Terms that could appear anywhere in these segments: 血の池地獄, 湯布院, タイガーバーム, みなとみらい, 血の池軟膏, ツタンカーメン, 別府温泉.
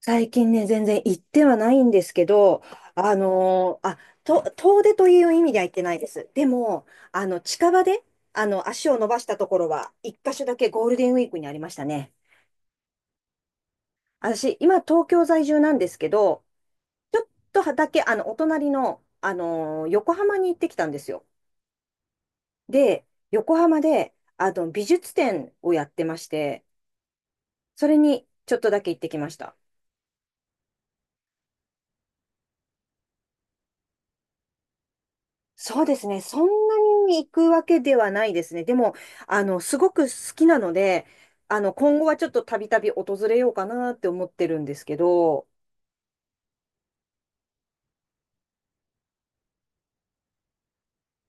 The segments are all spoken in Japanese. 最近ね、全然行ってはないんですけど、あのーあ、遠出という意味では行ってないです。でも、近場で、足を伸ばしたところは、一箇所だけゴールデンウィークにありましたね。私、今、東京在住なんですけど、ちょっとだけ、お隣の、横浜に行ってきたんですよ。で、横浜で、美術展をやってまして、それに、ちょっとだけ行ってきました。そうですね。そんなに行くわけではないですね。でも、すごく好きなので、今後はちょっとたびたび訪れようかなって思ってるんですけど、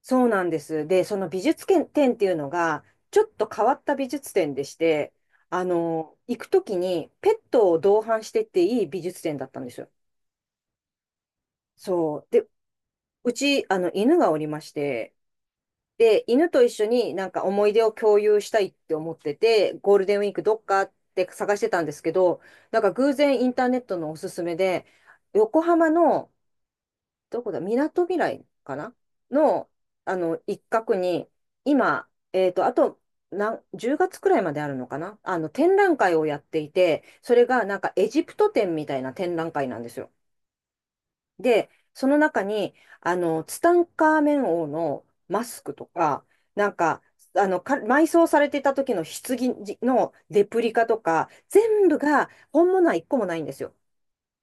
そうなんです。で、その美術展っていうのが、ちょっと変わった美術展でして、行くときにペットを同伴してっていい美術展だったんですよ。そう。で、うち、犬がおりまして、で、犬と一緒になんか思い出を共有したいって思ってて、ゴールデンウィークどっかって探してたんですけど、なんか偶然インターネットのおすすめで、横浜の、どこだ、みなとみらいかなの、一角に、今、あと、10月くらいまであるのかな、展覧会をやっていて、それがなんかエジプト展みたいな展覧会なんですよ。で、その中に、ツタンカーメン王のマスクとか、なんか、埋葬されていた時の棺のレプリカとか、全部が本物は一個もないんですよ。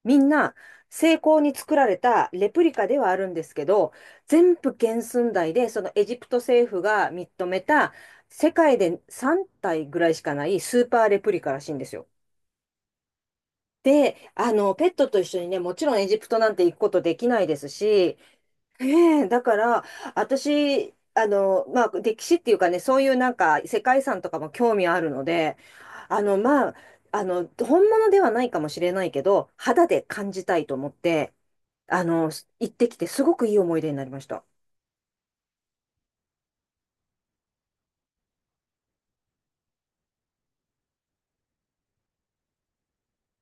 みんな、精巧に作られたレプリカではあるんですけど、全部原寸大で、そのエジプト政府が認めた、世界で3体ぐらいしかないスーパーレプリカらしいんですよ。で、ペットと一緒にね、もちろんエジプトなんて行くことできないですし、ねえ、だから、私、まあ、歴史っていうかね、そういうなんか世界遺産とかも興味あるので、まあ、本物ではないかもしれないけど、肌で感じたいと思って、あの、行ってきて、すごくいい思い出になりました。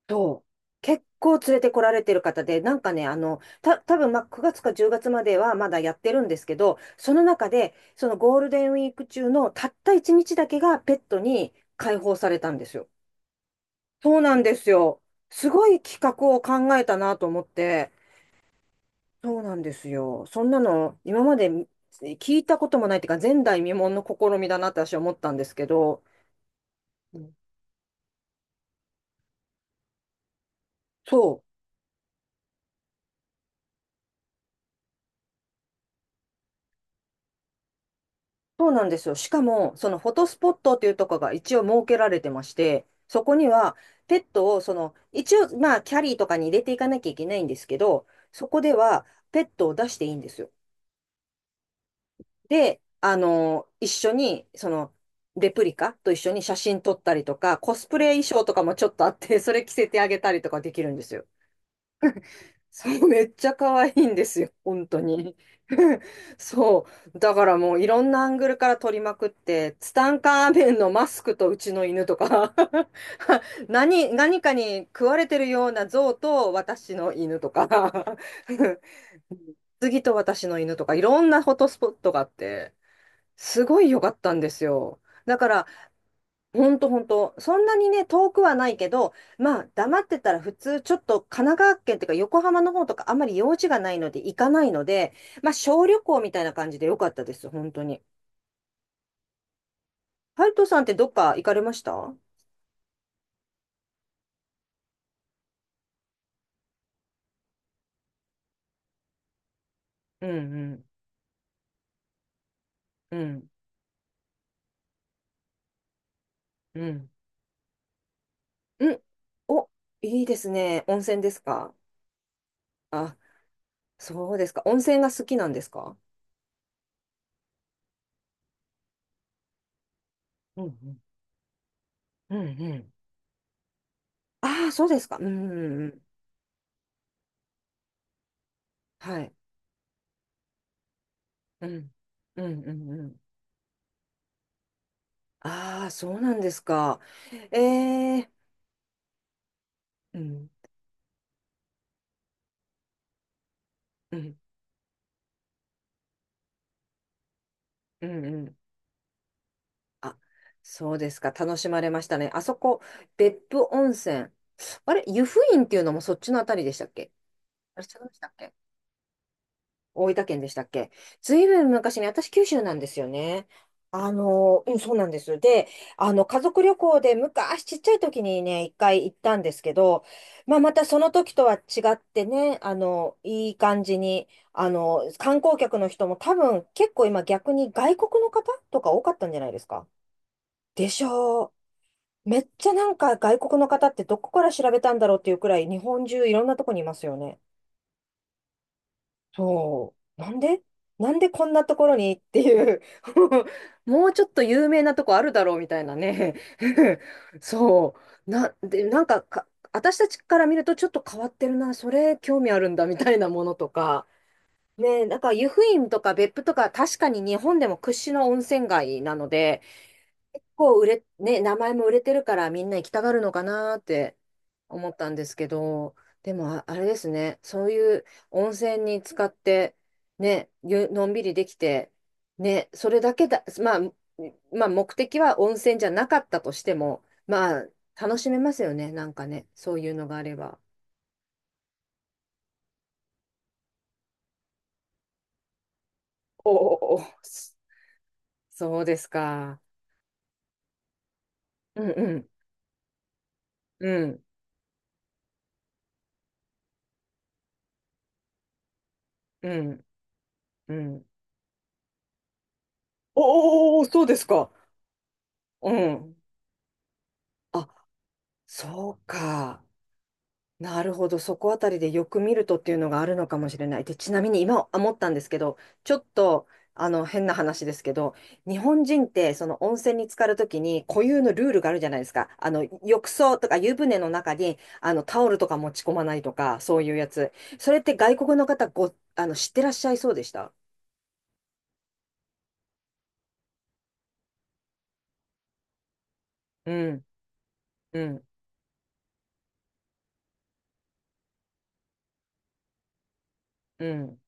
そう。結構連れてこられてる方で、なんかね、多分まあ9月か10月まではまだやってるんですけど、その中で、そのゴールデンウィーク中のたった1日だけがペットに解放されたんですよ。そうなんですよ。すごい企画を考えたなと思って、そうなんですよ。そんなの今まで聞いたこともないっていうか、前代未聞の試みだなって私は思ったんですけど、うん、そう、そうなんですよ。しかも、そのフォトスポットっていうところが一応設けられてまして、そこにはペットを、一応、まあ、キャリーとかに入れていかなきゃいけないんですけど、そこではペットを出していいんですよ。で、一緒に、レプリカと一緒に写真撮ったりとか、コスプレ衣装とかもちょっとあって、それ着せてあげたりとかできるんですよ。そう、めっちゃ可愛いんですよ、本当に。そう。だからもういろんなアングルから撮りまくって、ツタンカーメンのマスクとうちの犬とか、 何かに食われてるような象と私の犬とか、 次と私の犬とか、いろんなフォトスポットがあって、すごい良かったんですよ。だから、ほんとほんと、そんなにね、遠くはないけど、まあ、黙ってたら普通、ちょっと神奈川県とか横浜の方とかあんまり用事がないので行かないので、まあ、小旅行みたいな感じで良かったです、本当に。ハルトさんってどっか行かれました？うんうんうん、うん、うん。お、いいですね。温泉ですか？あ、そうですか。温泉が好きなんですか？うんうん、うんうん。ああ、そうですか。うんうんうん。はい。うん。うんうんうん。ああ、そうなんですか。ええ、うん。うん。うんうん。あ、そうですか。楽しまれましたね。あそこ、別府温泉。あれ、湯布院っていうのもそっちのあたりでしたっけ？あれ、違いましたっけ？大分県でしたっけ？ずいぶん昔に、私九州なんですよね。うん、そうなんです。で、家族旅行で昔ちっちゃい時にね、一回行ったんですけど、まあ、またその時とは違ってね、いい感じに、観光客の人も多分結構今逆に外国の方とか多かったんじゃないですか？でしょう？めっちゃなんか外国の方ってどこから調べたんだろうっていうくらい日本中いろんなとこにいますよね。そう。なんでこんなところにっていう、 もうちょっと有名なとこあるだろうみたいなね。 そう。で、なんか、私たちから見るとちょっと変わってるな、それ興味あるんだみたいなものとか。ね、なんか湯布院とか別府とか確かに日本でも屈指の温泉街なので、結構売れ、ね、名前も売れてるからみんな行きたがるのかなって思ったんですけど、でもあれですね、そういう温泉に使って、ね、ゆのんびりできて、ね、それだけだ、まあ目的は温泉じゃなかったとしても、まあ楽しめますよね、なんかね、そういうのがあれば。おおお、そうですか。うんうん、うん、うん、うん。おお、そうですか。うん。あ、そうか。なるほど。そこあたりでよく見るとっていうのがあるのかもしれない。で、ちなみに今思ったんですけど、ちょっと、変な話ですけど、日本人って、その温泉に浸かるときに固有のルールがあるじゃないですか。浴槽とか湯船の中に、タオルとか持ち込まないとか、そういうやつ。それって外国の方ご、あの、知ってらっしゃいそうでした？うん、うん、うん。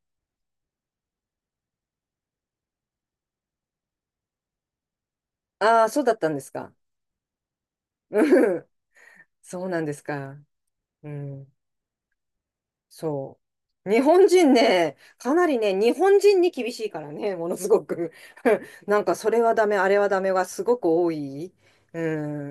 ああ、そうだったんですか。うん、そうなんですか。うん。そう。日本人ね、かなりね、日本人に厳しいからね、ものすごく。 なんか、それはダメ、あれはダメがすごく多い。う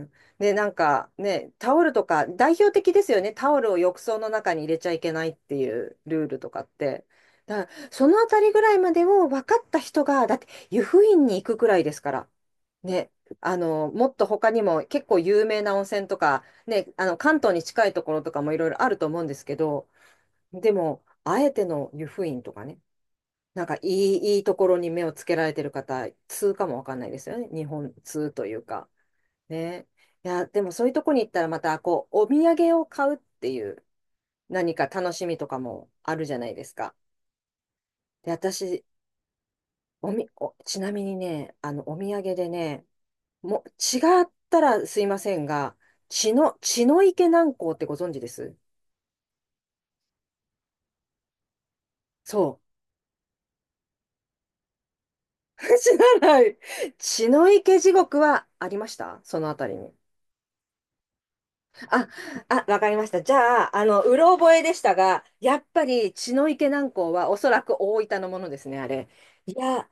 ん。で、なんかね、タオルとか、代表的ですよね。タオルを浴槽の中に入れちゃいけないっていうルールとかって。だから、そのあたりぐらいまでを分かった人が、だって、湯布院に行くくらいですから。ね。もっと他にも結構有名な温泉とか、ね、関東に近いところとかもいろいろあると思うんですけど、でも、あえての湯布院とかね、なんかいいところに目をつけられてる方、通かもわかんないですよね。日本通というか。ね。いや、でもそういうとこに行ったらまた、こう、お土産を買うっていう何か楽しみとかもあるじゃないですか。で、私、おみ、お、ちなみにね、お土産でね、もう、違ったらすいませんが、血の池南港ってご存知ですそう。知らない。血の池地獄はありましたそのあたりに。あ、あ、わかりました。じゃあ、うろ覚えでしたが、やっぱり血の池南港はおそらく大分のものですね、あれ。いや、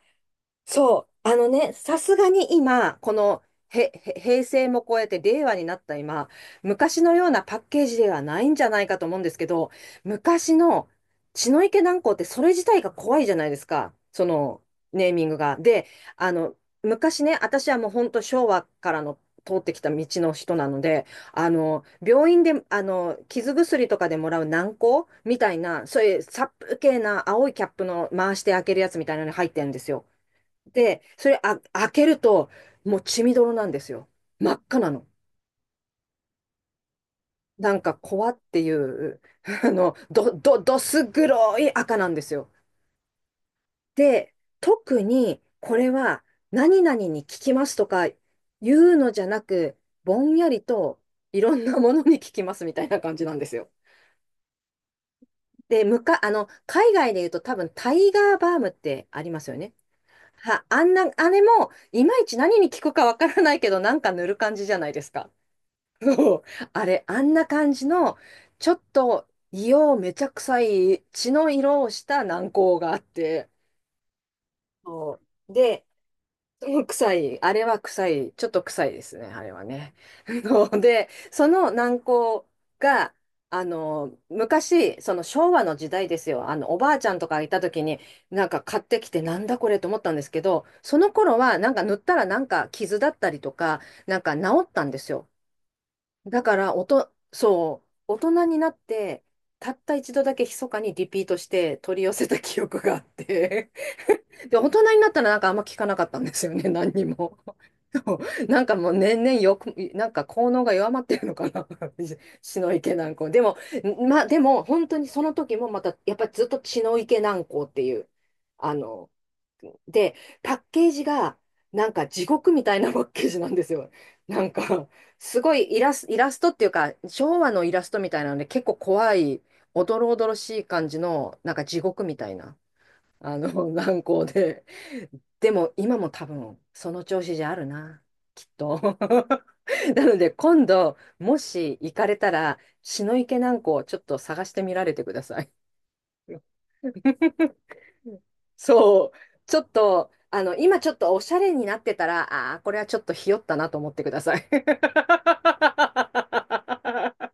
そう、あのね、さすがに今、この平成も超えて令和になった今、昔のようなパッケージではないんじゃないかと思うんですけど、昔の血の池軟膏ってそれ自体が怖いじゃないですか、そのネーミングが。で、あの、昔ね、私はもう本当昭和からの通ってきた道の人なので、病院で、傷薬とかでもらう軟膏みたいな、そういう殺風景な青いキャップの回して開けるやつみたいなのに入ってるんですよ。で、それあ、開けると、もう血みどろなんですよ。真っ赤なの。なんか、コアっていう、あの、どす黒い赤なんですよ。で、特に、これは、何々に効きますとか言うのじゃなく、ぼんやりと、いろんなものに効きますみたいな感じなんですよ。で、あの、海外で言うと多分、タイガーバームってありますよね。は、あんな、あれも、いまいち何に効くかわからないけど、なんか塗る感じじゃないですか。そうあれ、あんな感じの、ちょっと硫黄めちゃ臭い血の色をした軟膏があって、そうで、その臭い、あれは臭い、ちょっと臭いですね、あれはね。で、その軟膏が、昔、その昭和の時代ですよ、おばあちゃんとかがいた時に、なんか買ってきて、なんだこれと思ったんですけど、その頃は、なんか塗ったらなんか傷だったりとか、なんか治ったんですよ。だから、そう、大人になって、たった一度だけ密かにリピートして取り寄せた記憶があって、で、大人になったらなんかあんま聞かなかったんですよね、何にも。そうなんかもう年々よく、なんか効能が弱まってるのかな、血の池軟膏。でも、まあでも、本当にその時もまた、やっぱりずっと血の池軟膏っていう、あの、で、パッケージが、なんか地獄みたいなパッケージなんですよ。なんか、すごいイラストっていうか、昭和のイラストみたいなので、結構怖い、おどろおどろしい感じの、なんか地獄みたいな、あの、軟膏で。でも、今も多分、その調子じゃあるな、きっと。なので、今度、もし行かれたら、血の池軟膏をちょっと探してみられてください。そう。ちょっと、あの、今ちょっとおしゃれになってたら、ああ、これはちょっとひよったなと思ってください。